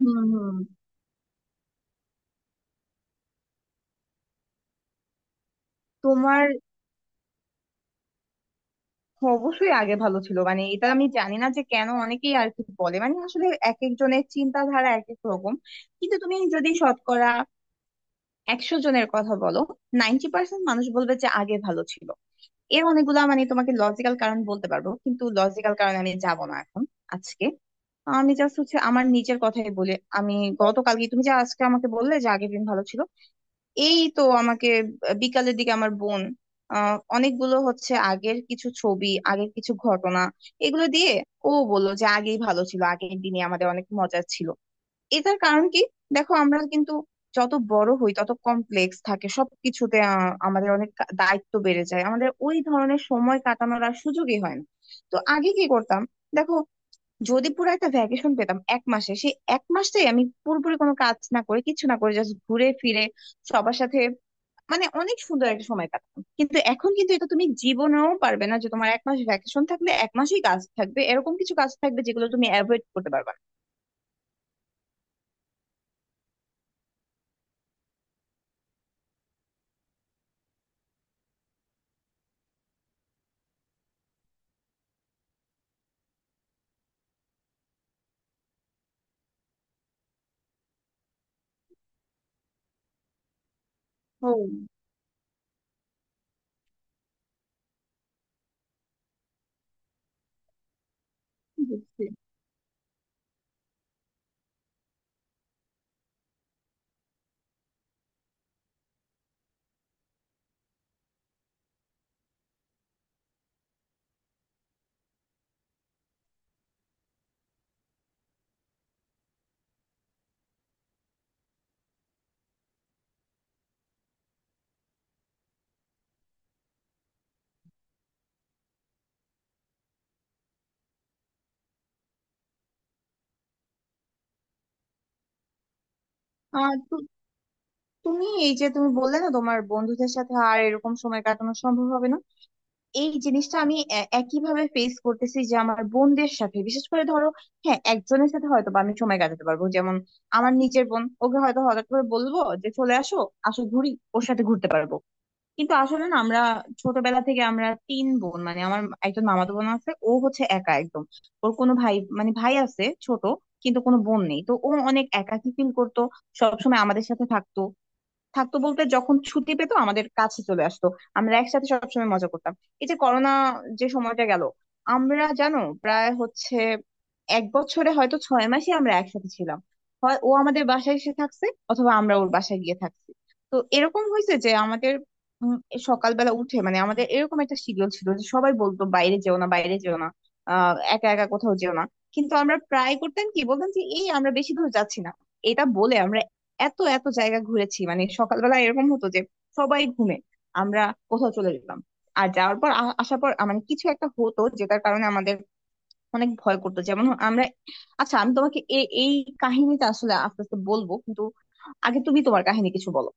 হুম হুম। তোমার অবশ্যই আগে ভালো ছিল। মানে, এটা আমি জানি না যে কেন অনেকেই আর কি বলে, মানে আসলে এক একজনের চিন্তাধারা এক এক রকম। কিন্তু তুমি যদি শতকরা 100 জনের কথা বলো, 90% মানুষ বলবে যে আগে ভালো ছিল। এর অনেকগুলা মানে তোমাকে লজিক্যাল কারণ বলতে পারবো, কিন্তু লজিক্যাল কারণে আমি যাব না এখন। আজকে আমি জাস্ট হচ্ছে আমার নিজের কথাই বলি। আমি গতকালকে, তুমি যে আজকে আমাকে বললে যে আগের দিন ভালো ছিল, এই তো আমাকে বিকালের দিকে আমার বোন, অনেকগুলো হচ্ছে আগের কিছু ছবি, আগের কিছু ঘটনা, এগুলো দিয়ে ও বললো যে আগেই ভালো ছিল, আগের দিনে আমাদের অনেক মজা ছিল। এটার কারণ কি? দেখো, আমরা কিন্তু যত বড় হই তত কমপ্লেক্স থাকে সবকিছুতে। আমাদের অনেক দায়িত্ব বেড়ে যায়, আমাদের ওই ধরনের সময় কাটানোর আর সুযোগই হয় না। তো আগে কি করতাম? দেখো, যদি পুরো একটা ভ্যাকেশন পেতাম 1 মাসে, সেই 1 মাসটাই আমি পুরোপুরি কোনো কাজ না করে, কিছু না করে, জাস্ট ঘুরে ফিরে সবার সাথে মানে অনেক সুন্দর একটা সময় কাটাতাম। কিন্তু এখন কিন্তু এটা তুমি জীবনেও পারবে না যে তোমার 1 মাস ভ্যাকেশন থাকলে 1 মাসেই কাজ থাকবে, এরকম কিছু কাজ থাকবে যেগুলো তুমি অ্যাভয়েড করতে পারবে না। ও, বুঝছি। আর তুমি, এই যে তুমি বললে না তোমার বন্ধুদের সাথে আর এরকম সময় কাটানো সম্ভব হবে না, এই জিনিসটা আমি একইভাবে ফেস করতেছি যে আমার বোনদের সাথে। বিশেষ করে ধরো, হ্যাঁ, একজনের সাথে হয়তো বা আমি সময় কাটাতে পারবো, যেমন আমার নিজের বোন, ওকে হয়তো হঠাৎ করে বলবো যে চলে আসো, আসো ঘুরি, ওর সাথে ঘুরতে পারবো। কিন্তু আসলে না, আমরা ছোটবেলা থেকে আমরা 3 বোন, মানে আমার একজন মামাতো বোন আছে, ও হচ্ছে একা একদম। ওর কোনো ভাই, মানে ভাই আছে ছোট, কিন্তু কোনো বোন নেই, তো ও অনেক একাকী ফিল করতো। সবসময় আমাদের সাথে থাকতো। থাকতো বলতে, যখন ছুটি পেতো আমাদের কাছে চলে আসতো। আমরা একসাথে সবসময় মজা করতাম। এই যে করোনা, যে সময়টা গেল, আমরা জানো প্রায় হচ্ছে 1 বছরে হয়তো 6 মাসই আমরা একসাথে ছিলাম। হয় ও আমাদের বাসায় এসে থাকছে, অথবা আমরা ওর বাসায় গিয়ে থাকছি। তো এরকম হয়েছে যে আমাদের উম, সকালবেলা উঠে, মানে আমাদের এরকম একটা শিডিউল ছিল যে সবাই বলতো বাইরে যেও না, বাইরে যেও না, একা একা কোথাও যেও না। কিন্তু আমরা প্রায় করতাম কি, বলতাম যে এই আমরা বেশি দূর যাচ্ছি না, এটা বলে আমরা এত এত জায়গা ঘুরেছি। মানে সকালবেলা এরকম হতো যে সবাই ঘুমে, আমরা কোথাও চলে যেতাম। আর যাওয়ার পর আসার পর, মানে কিছু একটা হতো যেটার কারণে আমাদের অনেক ভয় করতো, যেমন আমরা। আচ্ছা, আমি তোমাকে এই কাহিনীটা আসলে আস্তে আস্তে বলবো, কিন্তু আগে তুমি তোমার কাহিনী কিছু বলো।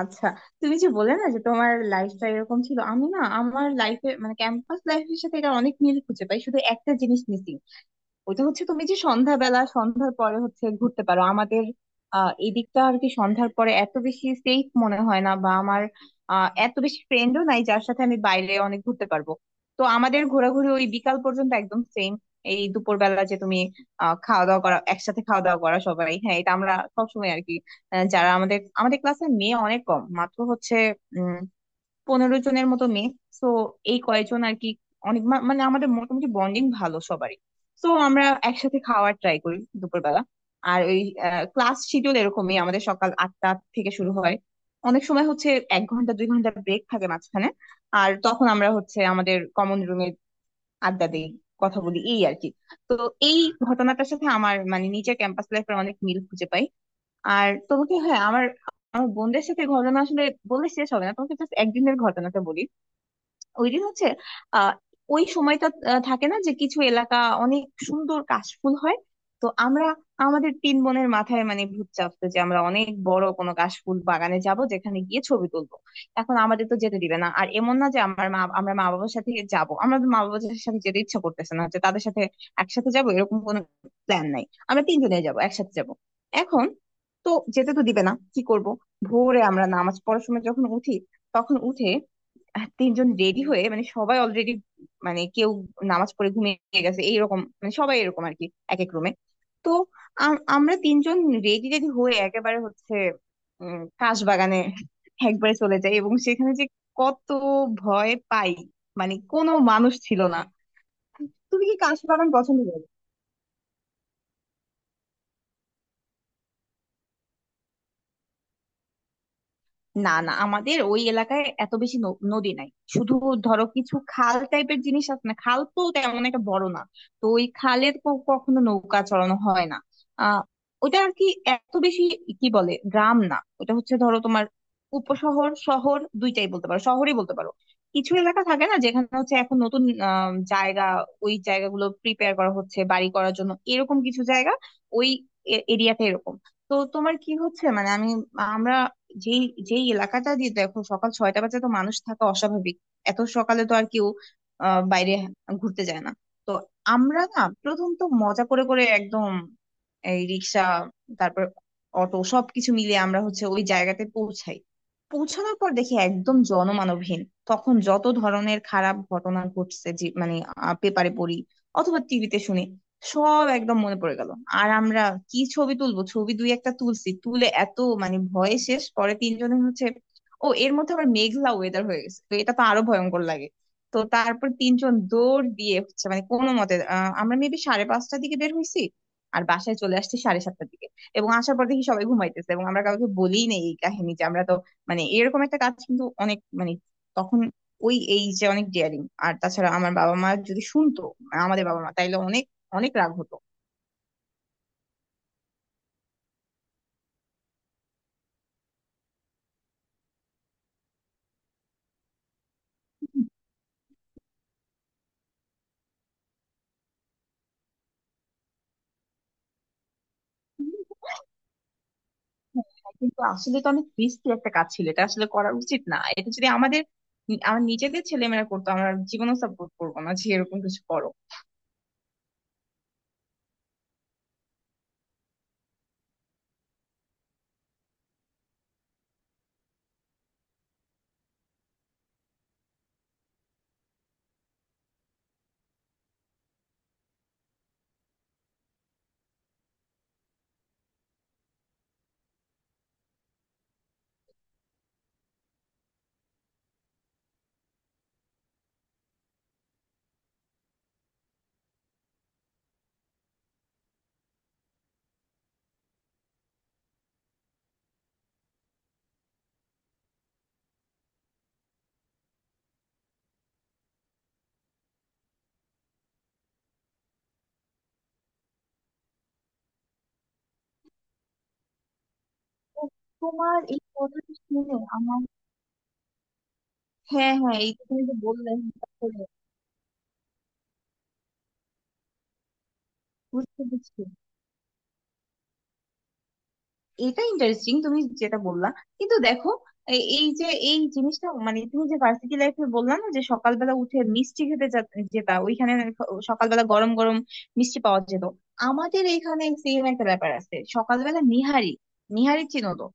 আচ্ছা, তুমি যে বলে না যে তোমার লাইফটা এরকম ছিল, আমি না আমার লাইফে মানে ক্যাম্পাস লাইফের সাথে এটা অনেক মিল খুঁজে পাই, শুধু একটা জিনিস মিসিং। ওইটা হচ্ছে তুমি যে সন্ধ্যাবেলা, সন্ধ্যার পরে হচ্ছে ঘুরতে পারো, আমাদের এদিকটা আর কি সন্ধ্যার পরে এত বেশি সেফ মনে হয় না। বা আমার এত বেশি ফ্রেন্ডও নাই যার সাথে আমি বাইরে অনেক ঘুরতে পারবো। তো আমাদের ঘোরাঘুরি ওই বিকাল পর্যন্ত একদম সেম। এই দুপুরবেলা যে তুমি খাওয়া দাওয়া করা, একসাথে খাওয়া দাওয়া করা সবাই, হ্যাঁ এটা আমরা সবসময় আর কি। যারা আমাদের, আমাদের ক্লাসের মেয়ে অনেক কম, মাত্র হচ্ছে 15 জনের মতো মেয়ে। তো এই কয়েকজন আর কি। অনেক মানে আমাদের মোটামুটি বন্ডিং ভালো সবারই। তো আমরা একসাথে খাওয়ার ট্রাই করি দুপুরবেলা। আর ওই ক্লাস শিডিউল এরকমই আমাদের, সকাল 8টা থেকে শুরু হয়। অনেক সময় হচ্ছে 1 ঘন্টা, 2 ঘন্টা ব্রেক থাকে মাঝখানে, আর তখন আমরা হচ্ছে আমাদের কমন রুমে আড্ডা দিই, কথা বলি, এই আর কি। তো এই ঘটনাটার সাথে আমার মানে নিজের ক্যাম্পাস লাইফের অনেক মিল খুঁজে পাই। আর তোমাকে, হ্যাঁ আমার, আমার বোনদের সাথে ঘটনা আসলে বলে শেষ হবে না, তোমাকে জাস্ট একদিনের ঘটনাটা বলি। ওই দিন হচ্ছে আহ ওই সময়টা, থাকে না যে কিছু এলাকা অনেক সুন্দর কাশফুল হয়। তো আমরা, আমাদের 3 বোনের মাথায় মানে ভূত চাপতো যে আমরা অনেক বড় কোনো কাশফুল বাগানে যাব, যেখানে গিয়ে ছবি তুলবো। এখন আমাদের তো যেতে দিবে না, আর এমন না যে আমার মা, আমরা মা বাবার সাথে যাব, আমরা মা বাবার সাথে যেতে ইচ্ছা করতেছে না যে তাদের সাথে একসাথে যাব, এরকম কোনো প্ল্যান নাই। আমরা 3 জনে যাব, একসাথে যাব এখন। তো যেতে তো দিবে না, কি করব? ভোরে আমরা নামাজ পড়ার সময় যখন উঠি, তখন উঠে 3 জন রেডি হয়ে, মানে সবাই অলরেডি, মানে কেউ নামাজ পড়ে ঘুমিয়ে গেছে এইরকম, মানে সবাই এরকম আর কি, এক এক রুমে। তো আমরা 3 জন রেডি রেডি হয়ে একেবারে হচ্ছে কাশ বাগানে একবারে চলে যাই, এবং সেখানে যে কত ভয় পাই, মানে কোনো মানুষ ছিল না। তুমি কি কাশ বাগান পছন্দ করো? না না, আমাদের ওই এলাকায় এত বেশি নদী নাই, শুধু ধরো কিছু খাল টাইপের জিনিস আছে না, খাল তো তেমন একটা বড় না। তো ওই খালে কখনো নৌকা চড়ানো হয় না। আহ ওটা আর কি এত বেশি কি বলে, গ্রাম না ওটা, হচ্ছে ধরো তোমার উপশহর, শহর দুইটাই বলতে পারো, শহরই বলতে পারো। কিছু এলাকা থাকে না যেখানে হচ্ছে এখন নতুন জায়গা, ওই জায়গাগুলো প্রিপেয়ার করা হচ্ছে বাড়ি করার জন্য, এরকম কিছু জায়গা। ওই এরিয়াতে এরকম। তো তোমার কি হচ্ছে, মানে আমি, আমরা যেই, যেই এলাকাটা দিয়ে, দেখো সকাল 6টা বাজে তো মানুষ থাকা অস্বাভাবিক, এত সকালে তো আর কেউ বাইরে ঘুরতে যায় না। তো আমরা না প্রথম তো মজা করে করে একদম, এই রিক্সা, তারপর অটো, সবকিছু মিলিয়ে আমরা হচ্ছে ওই জায়গাতে পৌঁছাই। পৌঁছানোর পর দেখি একদম জনমানবহীন। তখন যত ধরনের খারাপ ঘটনা ঘটছে যে, মানে পেপারে পড়ি অথবা টিভিতে শুনি, সব একদম মনে পড়ে গেল। আর আমরা কি ছবি তুলবো, ছবি দুই একটা তুলছি, তুলে এত মানে ভয়ে শেষ। পরে 3 জনে হচ্ছে, ও এর মধ্যে আবার মেঘলা ওয়েদার হয়ে গেছে তো এটা তো আরো ভয়ঙ্কর লাগে। তো তারপর 3 জন দৌড় দিয়ে হচ্ছে মানে কোনো মতে, আমরা মেবি 5:30-এর দিকে বের হয়েছি আর বাসায় চলে আসছি 7:30-এর দিকে। এবং আসার পর দেখি সবাই ঘুমাইতেছে, এবং আমরা কাউকে বলিই নেই এই কাহিনী। যে আমরা তো মানে এরকম একটা কাজ, কিন্তু অনেক মানে তখন ওই, এই যে অনেক ডেয়ারিং। আর তাছাড়া আমার বাবা মা যদি শুনতো, আমাদের বাবা মা, তাইলে অনেক অনেক রাগ হতো। হ্যাঁ, কিন্তু আসলে তো অনেক রিস্কি একটা কাজ ছিল, এটা আসলে করা উচিত না। এটা যদি আমাদের, আমার নিজেদের ছেলেমেয়েরা করতো, আমরা জীবনও সাপোর্ট করবো না যে এরকম কিছু করো। ও, তোমার এই কথাটা শুনে আমার। হ্যাঁ হ্যাঁ, এই যে তুমি যে বললে হঠাৎ করে। বুঝতে পারছি। এটা ইন্টারেস্টিং তুমি যেটা বললা, কিন্তু দেখো এই যে এই জিনিসটা, মানে তুমি যে ভার্সিটি লাইফে বললা না যে সকালবেলা উঠে মিষ্টি খেতে যেতা, ওইখানে সকালবেলা গরম গরম মিষ্টি পাওয়া যেত, আমাদের এখানে সেম একটা ব্যাপার আছে সকালবেলা নিহারি। নিহারি চিনো তো?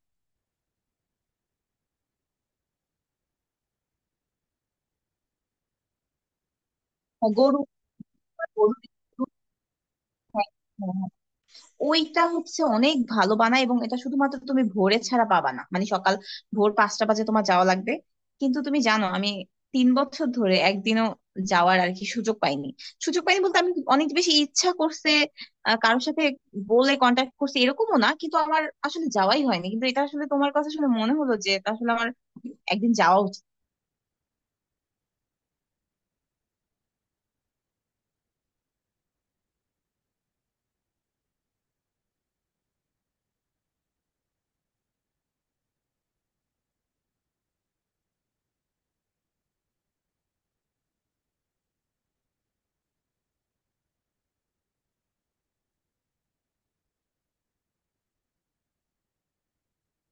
গরু, গরু। ওইটা হচ্ছে অনেক ভালো বানায়, এবং এটা শুধুমাত্র তুমি ভোরে ছাড়া পাবা না, মানে সকাল, ভোর 5টা বাজে তোমার যাওয়া লাগবে। কিন্তু তুমি জানো, আমি 3 বছর ধরে একদিনও যাওয়ার আর কি সুযোগ পাইনি। সুযোগ পাইনি বলতে, আমি অনেক বেশি ইচ্ছা করছে, কারোর সাথে বলে কন্ট্যাক্ট করছে এরকমও না, কিন্তু আমার আসলে যাওয়াই হয়নি। কিন্তু এটা আসলে তোমার কথা শুনে মনে হলো যে এটা আসলে আমার একদিন যাওয়া উচিত।